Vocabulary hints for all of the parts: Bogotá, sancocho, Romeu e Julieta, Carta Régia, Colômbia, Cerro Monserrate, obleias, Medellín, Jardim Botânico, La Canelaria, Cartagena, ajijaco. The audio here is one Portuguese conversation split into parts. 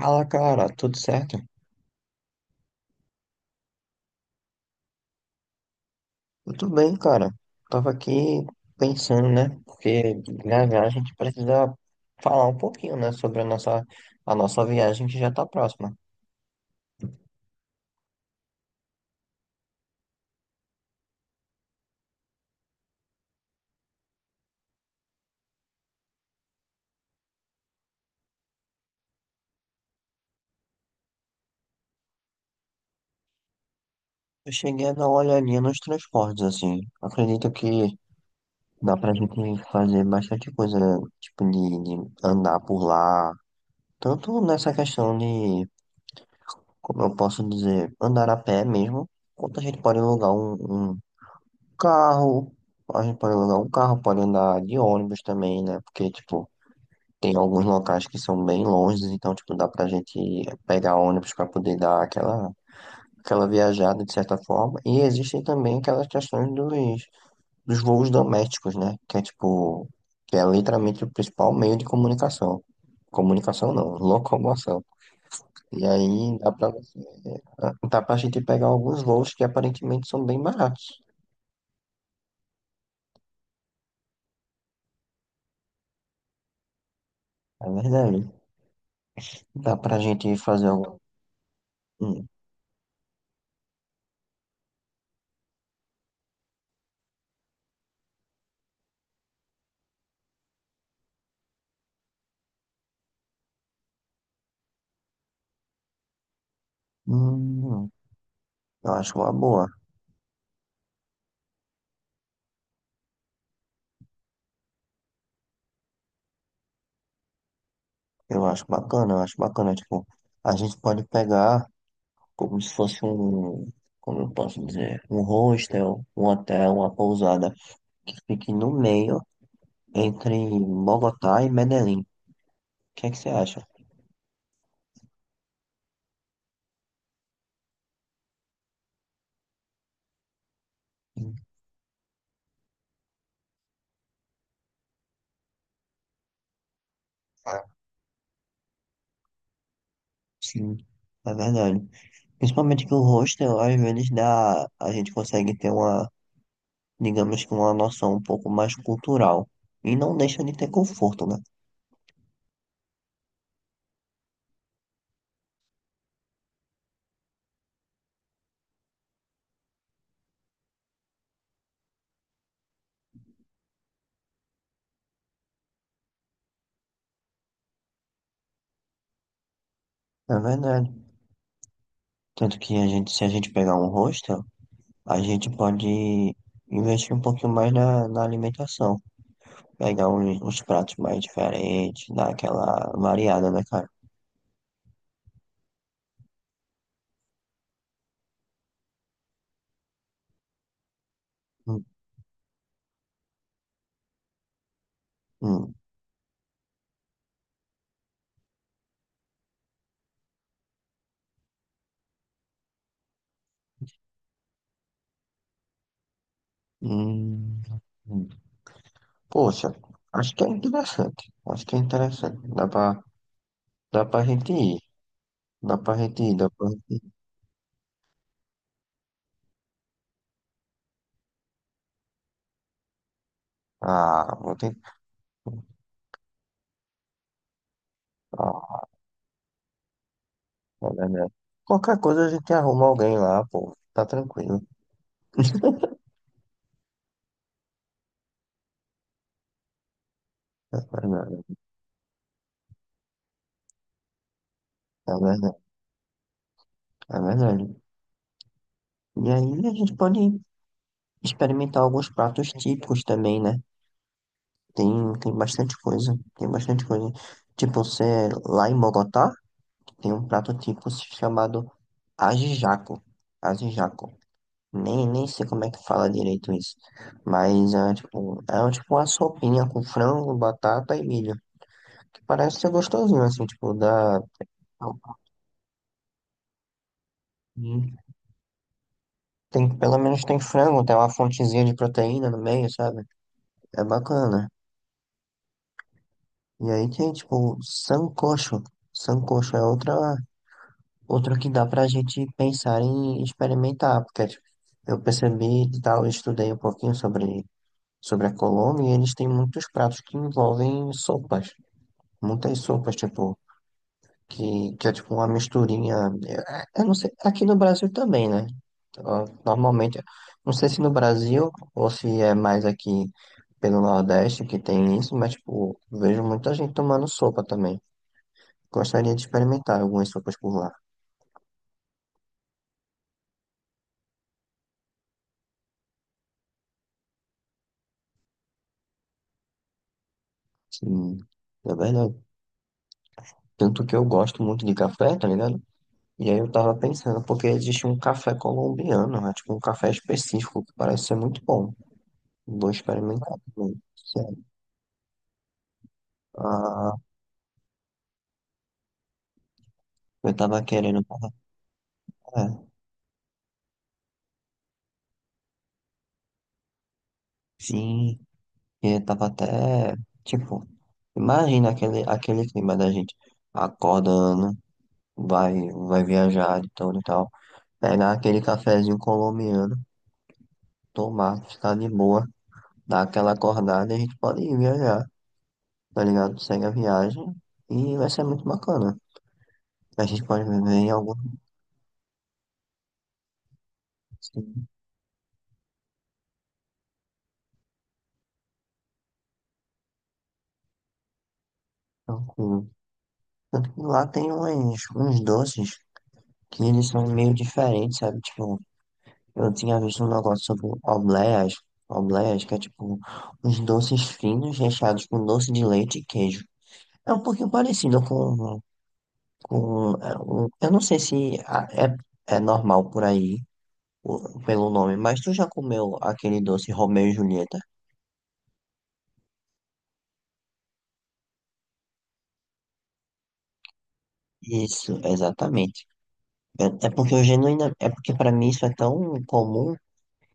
Fala, cara, tudo certo? Tudo bem, cara. Tava aqui pensando, né? Porque na viagem a gente precisa falar um pouquinho, né? Sobre a nossa viagem que já tá próxima. Eu cheguei a dar uma olhadinha nos transportes, assim. Acredito que dá pra gente fazer bastante coisa, tipo, de andar por lá. Tanto nessa questão de, como eu posso dizer, andar a pé mesmo, quanto a gente pode alugar um Carro, a gente pode alugar um carro, pode andar de ônibus também, né? Porque, tipo, tem alguns locais que são bem longe, então, tipo, dá pra gente pegar ônibus pra poder dar aquela viajada de certa forma. E existem também aquelas questões dos voos domésticos, né? Que é, tipo, que é literalmente o principal meio de comunicação. Comunicação não, locomoção. E aí dá pra gente pegar alguns voos que aparentemente são bem baratos. É verdade. Dá pra gente fazer algum. um Hum, eu acho uma boa. Eu acho bacana, eu acho bacana. Tipo, a gente pode pegar como se fosse um, como eu posso dizer, um hostel, um hotel, uma pousada que fique no meio entre Bogotá e Medellín. O que é que você acha? Hum, ah, Sim, é verdade. Principalmente que o hostel, às vezes, a gente consegue ter uma, digamos que uma noção um pouco mais cultural. E não deixa de ter conforto, né? É verdade. Tanto que se a gente pegar um hostel, a gente pode investir um pouquinho mais na alimentação. Pegar uns pratos mais diferentes, dar aquela variada, né, cara? Hum, hum, hum, hum. Poxa, acho que é interessante. Acho que é interessante. Dá pra gente ir. Dá pra gente ir, dá pra gente ir. Ah, vou ter. Ah, é verdade. Qualquer coisa a gente arruma alguém lá, pô. Tá tranquilo. É verdade, é verdade, é verdade. E aí a gente pode experimentar alguns pratos típicos também, né? Tem, tem bastante coisa, tem bastante coisa. Tipo, você é lá em Bogotá, tem um prato típico chamado ajijaco. Ajijaco. Nem sei como é que fala direito isso. Mas é tipo, é um, tipo uma sopinha com frango, batata e milho. Que parece ser gostosinho, assim, tipo, dá. Tem, pelo menos tem frango, tem uma fontezinha de proteína no meio, sabe? É bacana. E aí tem, tipo, sancocho. Sancocho é outra, outro que dá pra gente pensar em experimentar, porque tipo, eu percebi e tal, eu estudei um pouquinho sobre a Colômbia e eles têm muitos pratos que envolvem sopas. Muitas sopas, tipo, que é tipo uma misturinha. Eu não sei, aqui no Brasil também, né? Ó, normalmente, não sei se no Brasil ou se é mais aqui pelo Nordeste que tem isso, mas, tipo, vejo muita gente tomando sopa também. Gostaria de experimentar algumas sopas por lá. Sim, é verdade. Tanto que eu gosto muito de café, tá ligado? E aí eu tava pensando, porque existe um café colombiano, né? Tipo um café específico, que parece ser muito bom. Vou experimentar também. Sério. Ah, eu tava querendo. É, sim, e eu tava até. Tipo, imagina aquele clima da gente acordando, vai, vai viajar de todo e tal. Pegar aquele cafezinho colombiano, tomar, ficar de boa. Dá aquela acordada e a gente pode ir viajar, tá ligado? Segue a viagem e vai ser muito bacana. A gente pode viver em algum lugar assim, tranquilo. Tanto que lá tem uns doces que eles são meio diferentes, sabe? Tipo, eu tinha visto um negócio sobre obleias, que é tipo uns doces finos recheados com doce de leite e queijo. É um pouquinho parecido com, eu não sei se é normal por aí, pelo nome, mas tu já comeu aquele doce Romeu e Julieta? Isso, exatamente. É porque para mim isso é tão comum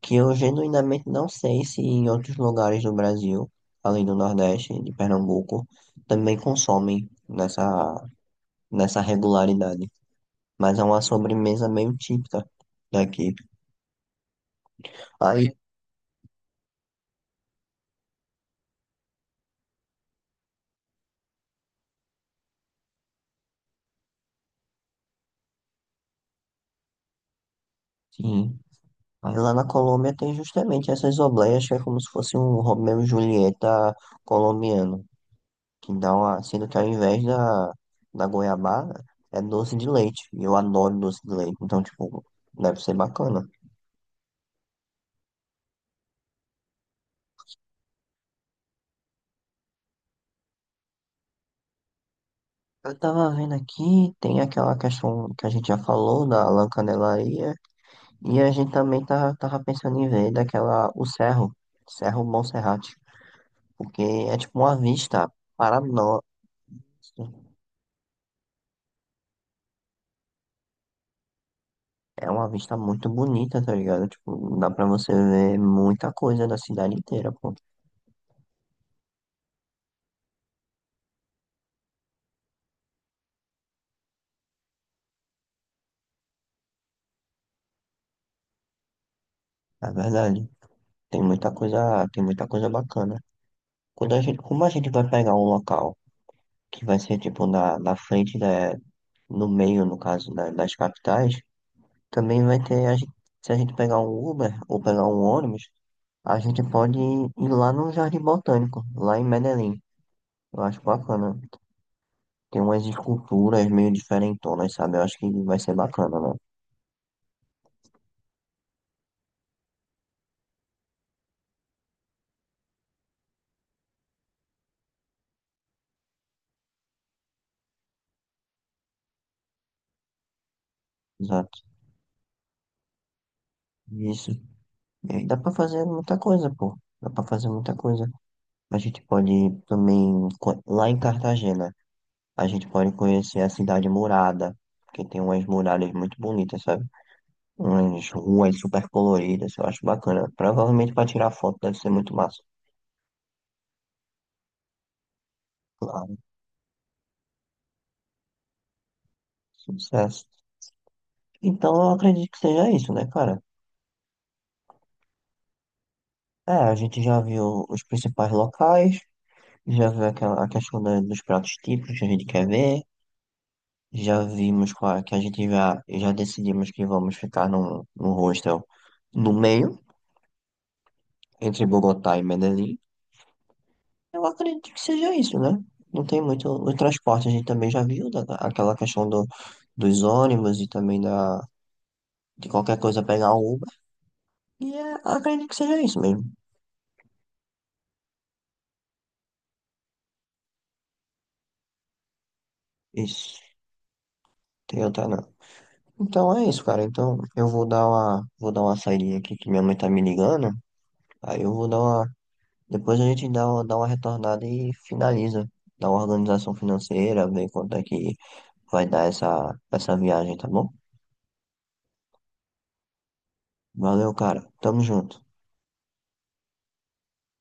que eu genuinamente não sei se em outros lugares do Brasil, além do Nordeste, de Pernambuco, também consomem nessa regularidade. Mas é uma sobremesa meio típica daqui. Aí, sim. Aí lá na Colômbia tem justamente essas obleias que é como se fosse um Romeu e Julieta colombiano. Que dá uma, sendo que ao invés da goiabada, é doce de leite. E eu adoro doce de leite, então, tipo, deve ser bacana. Eu tava vendo aqui, tem aquela questão que a gente já falou da Lã Canelaria, e a gente também tava pensando em ver daquela, o Cerro, Cerro Monserrate, porque é tipo uma vista para nós. É uma vista muito bonita, tá ligado? Tipo, dá pra você ver muita coisa da cidade inteira, pô. É verdade. Tem muita coisa bacana. Quando a gente, como a gente vai pegar um local que vai ser tipo na frente da, no meio, no caso, das capitais, também vai ter, a gente, se a gente pegar um Uber ou pegar um ônibus, a gente pode ir lá no Jardim Botânico, lá em Medellín. Eu acho bacana. Tem umas esculturas meio diferentonas, sabe? Eu acho que vai ser bacana, né? Exato. Isso. E aí dá pra fazer muita coisa, pô. Dá pra fazer muita coisa. A gente pode também, lá em Cartagena. A gente pode conhecer a cidade murada, que tem umas muralhas muito bonitas, sabe? Umas ruas super coloridas, eu acho bacana. Provavelmente para tirar foto deve ser muito massa. Claro, sucesso. Então eu acredito que seja isso, né, cara? É, a gente já viu os principais locais, já viu aquela, a questão dos pratos típicos que a gente quer ver, já vimos é, que a gente já decidimos que vamos ficar num hostel no meio, entre Bogotá e Medellín. Eu acredito que seja isso, né? Não tem muito. O transporte a gente também já viu, aquela questão dos ônibus e também da, de qualquer coisa pegar um Uber. E é, acredito que seja isso mesmo. Isso. Tem outra não. Então é isso, cara. Então eu vou vou dar uma saidinha aqui que minha mãe tá me ligando. Aí eu vou dar uma. Depois a gente dá uma retornada e finaliza. Dá uma organização financeira, ver quanto é que vai dar essa viagem, tá bom? Valeu, cara. Tamo junto.